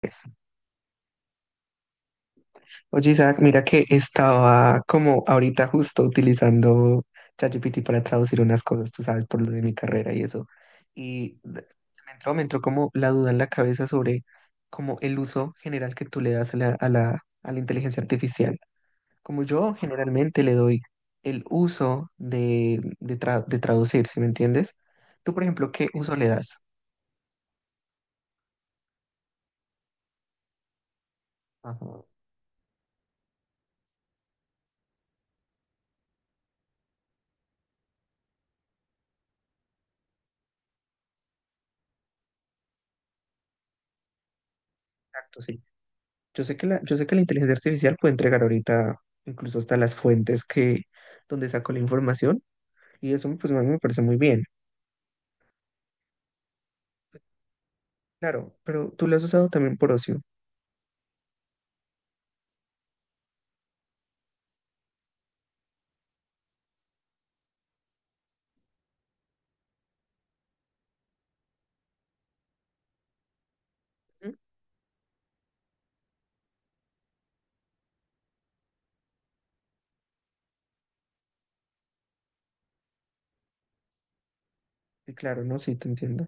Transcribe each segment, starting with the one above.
Pues, Oye, Isaac, mira que estaba como ahorita justo utilizando ChatGPT para traducir unas cosas, tú sabes, por lo de mi carrera y eso. Y de- me entró como la duda en la cabeza sobre como el uso general que tú le das a la inteligencia artificial. Como yo generalmente le doy el uso de, de traducir, ¿sí me entiendes? Tú, por ejemplo, ¿qué uso le das? Ajá, exacto, sí. Yo sé que la inteligencia artificial puede entregar ahorita incluso hasta las donde sacó la información, y eso pues a mí me parece muy bien. Claro, pero tú lo has usado también por ocio. ¿M? Y claro, no, sí, te entiendo.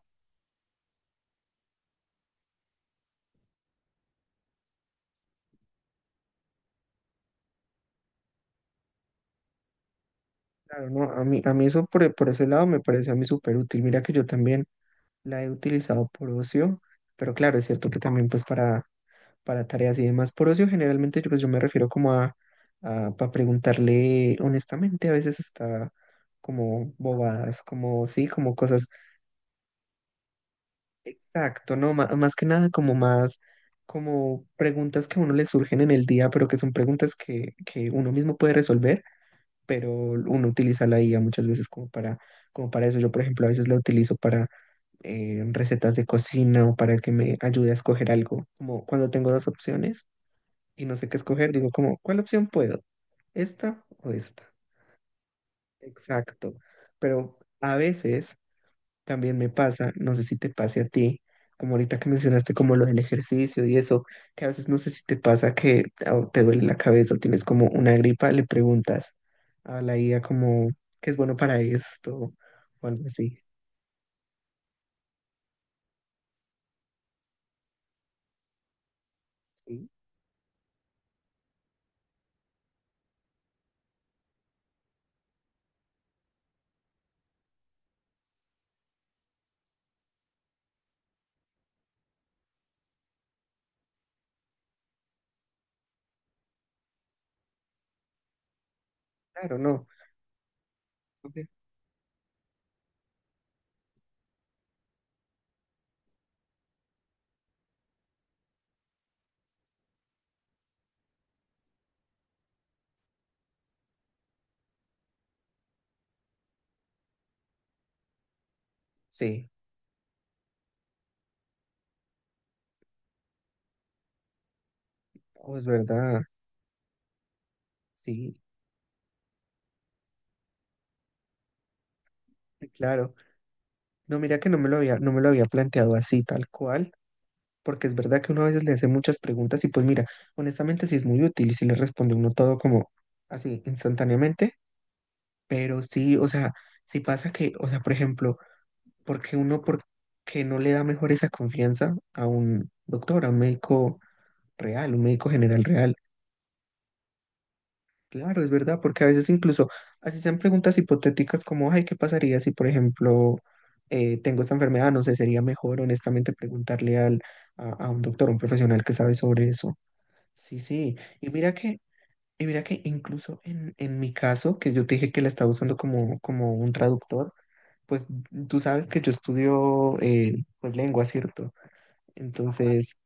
Claro, no, a mí eso por ese lado me parece a mí súper útil. Mira que yo también la he utilizado por ocio, pero claro, es cierto que también para tareas y demás. Por ocio generalmente yo, pues, yo me refiero como a para preguntarle honestamente, a veces está como bobadas, como sí, como cosas. Exacto, no, más que nada como más, como preguntas que a uno le surgen en el día, pero que son que uno mismo puede resolver, pero uno utiliza la IA muchas veces como como para eso. Yo, por ejemplo, a veces la utilizo para recetas de cocina o para que me ayude a escoger algo. Como cuando tengo dos opciones y no sé qué escoger, digo como, ¿cuál opción puedo? ¿Esta o esta? Exacto. Pero a veces también me pasa, no sé si te pase a ti, como ahorita que mencionaste como lo del ejercicio y eso, que a veces no sé si te pasa que ah, te duele la cabeza o tienes como una gripa, le preguntas a la IA como qué es bueno para esto o algo así. Sí, claro, no. Ok, sí, oh, es verdad, sí, sí, claro. No, mira que no me lo había planteado así, tal cual, porque es verdad que uno a veces le hace muchas preguntas y pues mira, honestamente sí es muy útil y si le responde uno todo como así instantáneamente. Pero sí, o sea, si pasa que, o sea, por ejemplo, porque uno porque no le da mejor esa confianza a un doctor, a un médico real, un médico general real. Claro, es verdad, porque a veces incluso así sean preguntas hipotéticas como, ay, ¿qué pasaría si, por ejemplo, tengo esta enfermedad? No sé, sería mejor honestamente preguntarle al, a un doctor, un profesional que sabe sobre eso. Sí, sí. Y mira que incluso en mi caso, que yo te dije que la estaba usando como, como un traductor, pues tú sabes que yo estudio pues lengua, ¿cierto? Ajá. Entonces,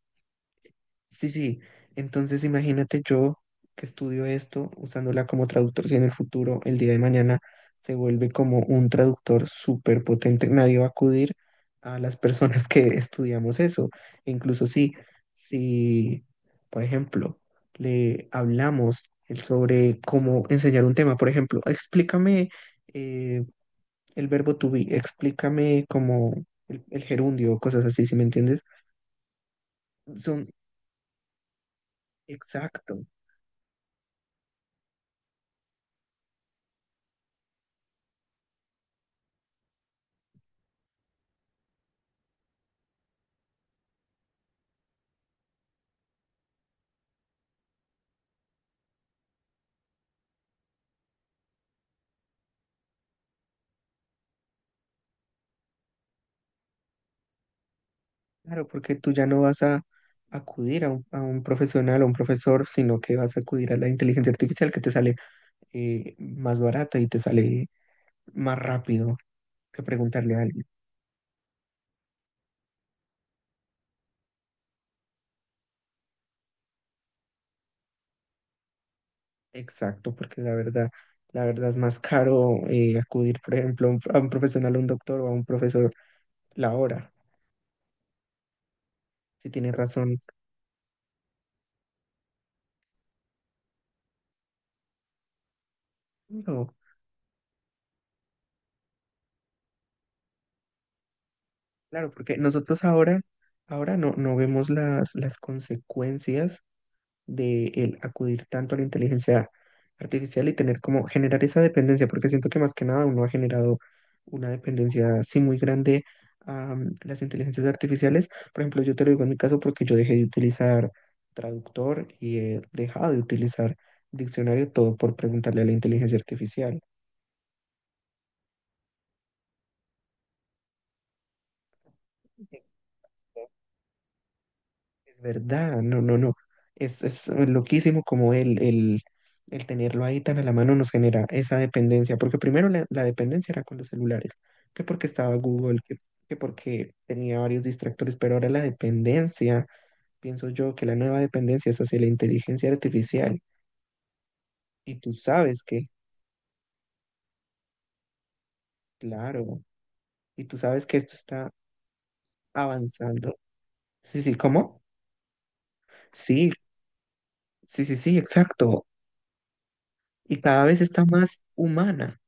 sí, sí. Entonces imagínate yo que estudio esto usándola como traductor, si en el futuro, el día de mañana, se vuelve como un traductor súper potente, nadie va a acudir a las personas que estudiamos eso. E incluso si, si, por ejemplo, le hablamos sobre cómo enseñar un tema, por ejemplo, explícame eh, el verbo to be, explícame como el gerundio, cosas así, ¿si me entiendes? Son exacto. Claro, porque tú ya no vas a acudir a un profesional o un profesor, sino que vas a acudir a la inteligencia artificial que te sale más barata y te sale más rápido que preguntarle a alguien. Exacto, porque la verdad es más caro acudir, por ejemplo, a un profesional, a un doctor o a un profesor la hora. Si tienes razón. No, claro, porque nosotros ahora, ahora no, no vemos las consecuencias de el acudir tanto a la inteligencia artificial y tener como generar esa dependencia, porque siento que más que nada uno ha generado una dependencia así muy grande a las inteligencias artificiales. Por ejemplo, yo te lo digo en mi caso porque yo dejé de utilizar traductor y he dejado de utilizar diccionario todo por preguntarle a la inteligencia artificial. Es verdad, no, no, no. Es loquísimo como el tenerlo ahí tan a la mano nos genera esa dependencia, porque primero la dependencia era con los celulares, que porque estaba Google, que porque tenía varios distractores, pero ahora la dependencia, pienso yo que la nueva dependencia es hacia la inteligencia artificial, y tú sabes que, claro, y tú sabes que esto está avanzando. Sí, sí, ¿cómo? Sí, sí, sí, sí, exacto. Y cada vez está más humana.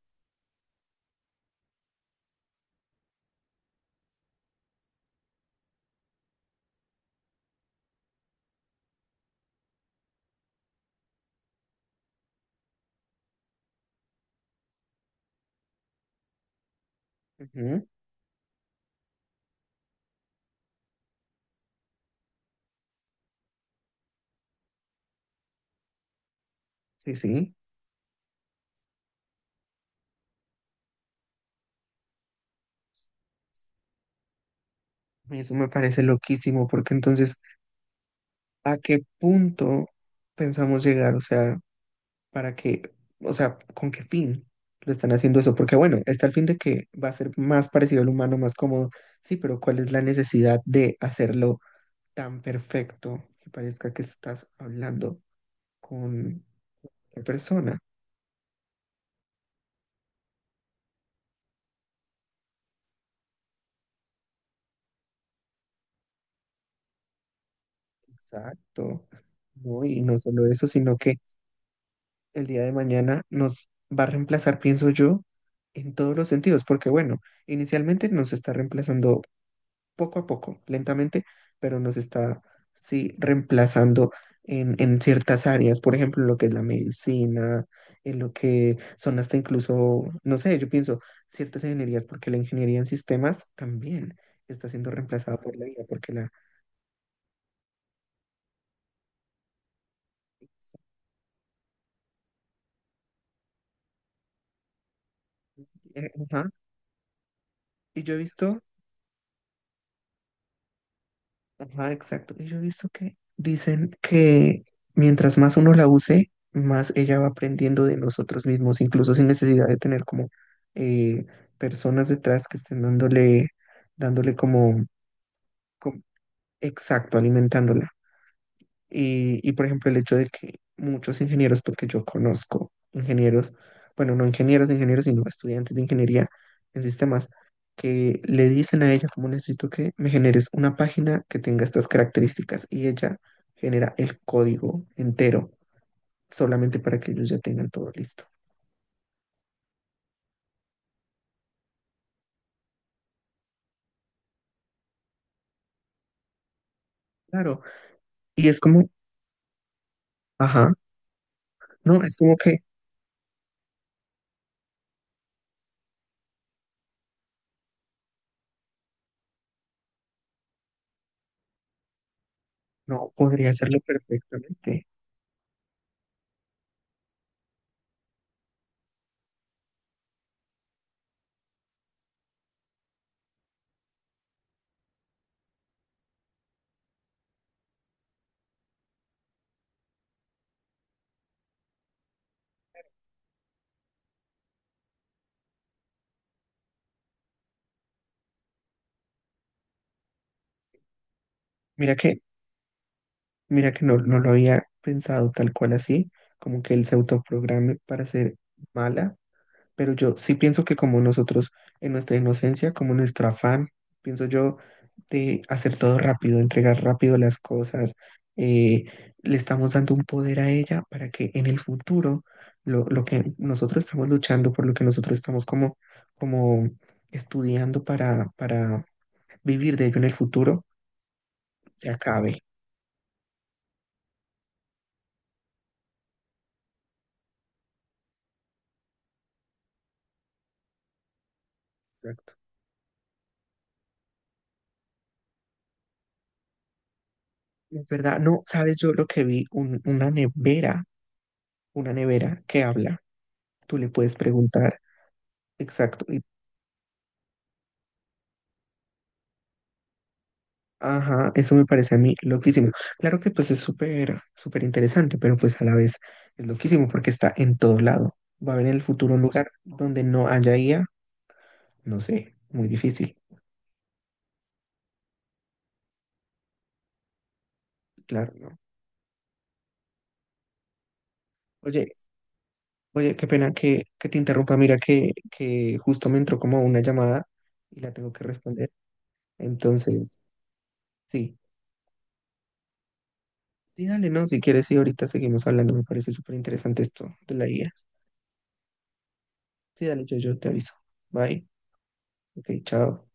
Ujú, sí, sí. Eso me parece loquísimo, porque entonces, ¿a qué punto pensamos llegar? O sea, ¿para qué? O sea, ¿con qué fin lo están haciendo eso? Porque bueno, está el fin de que va a ser más parecido al humano, más cómodo. Sí, pero ¿cuál es la necesidad de hacerlo tan perfecto que parezca que estás hablando con una persona? Exacto. No, y no solo eso, sino que el día de mañana nos va a reemplazar, pienso yo, en todos los sentidos, porque bueno, inicialmente nos está reemplazando poco a poco, lentamente, pero nos está, sí, reemplazando en ciertas áreas, por ejemplo, en lo que es la medicina, en lo que son hasta incluso, no sé, yo pienso, ciertas ingenierías, porque la ingeniería en sistemas también está siendo reemplazada por la IA, porque la... eh, ajá, Y yo he visto Ajá, exacto. Y yo he visto que dicen que mientras más uno la use, más ella va aprendiendo de nosotros mismos, incluso sin necesidad de tener como eh, personas detrás que estén dándole como, como- exacto, alimentándola. Por ejemplo, el hecho de que muchos ingenieros, porque yo conozco ingenieros, bueno, no ingenieros, ingenieros, sino estudiantes de ingeniería en sistemas, que le dicen a ella, como necesito que me generes una página que tenga estas características, y ella genera el código entero solamente para que ellos ya tengan todo listo. Claro, y es como, ajá, no, es como que no, podría hacerlo perfectamente. Mira que Mira que no, no lo había pensado tal cual así, como que él se autoprograme para ser mala, pero yo sí pienso que como nosotros en nuestra inocencia, como nuestro afán, pienso yo de hacer todo rápido, entregar rápido las cosas, eh, le estamos dando un poder a ella para que en el futuro lo que nosotros estamos luchando, por lo que nosotros estamos como, como estudiando para vivir de ello en el futuro, se acabe. Exacto. Es verdad, no, sabes yo lo que vi, una nevera que habla, tú le puedes preguntar, exacto, y, ajá, eso me parece a mí loquísimo. Claro que pues es súper, súper interesante, pero pues a la vez es loquísimo porque está en todo lado. ¿Va a haber en el futuro un lugar donde no haya IA? No sé, muy difícil, claro, ¿no? Oye, oye, qué pena que te interrumpa, mira que justo me entró como una llamada y la tengo que responder, entonces, sí. Sí, dale, no, si quieres, sí, ahorita seguimos hablando, me parece súper interesante esto de la guía. Sí, dale, yo te aviso. Bye. Ok, chao.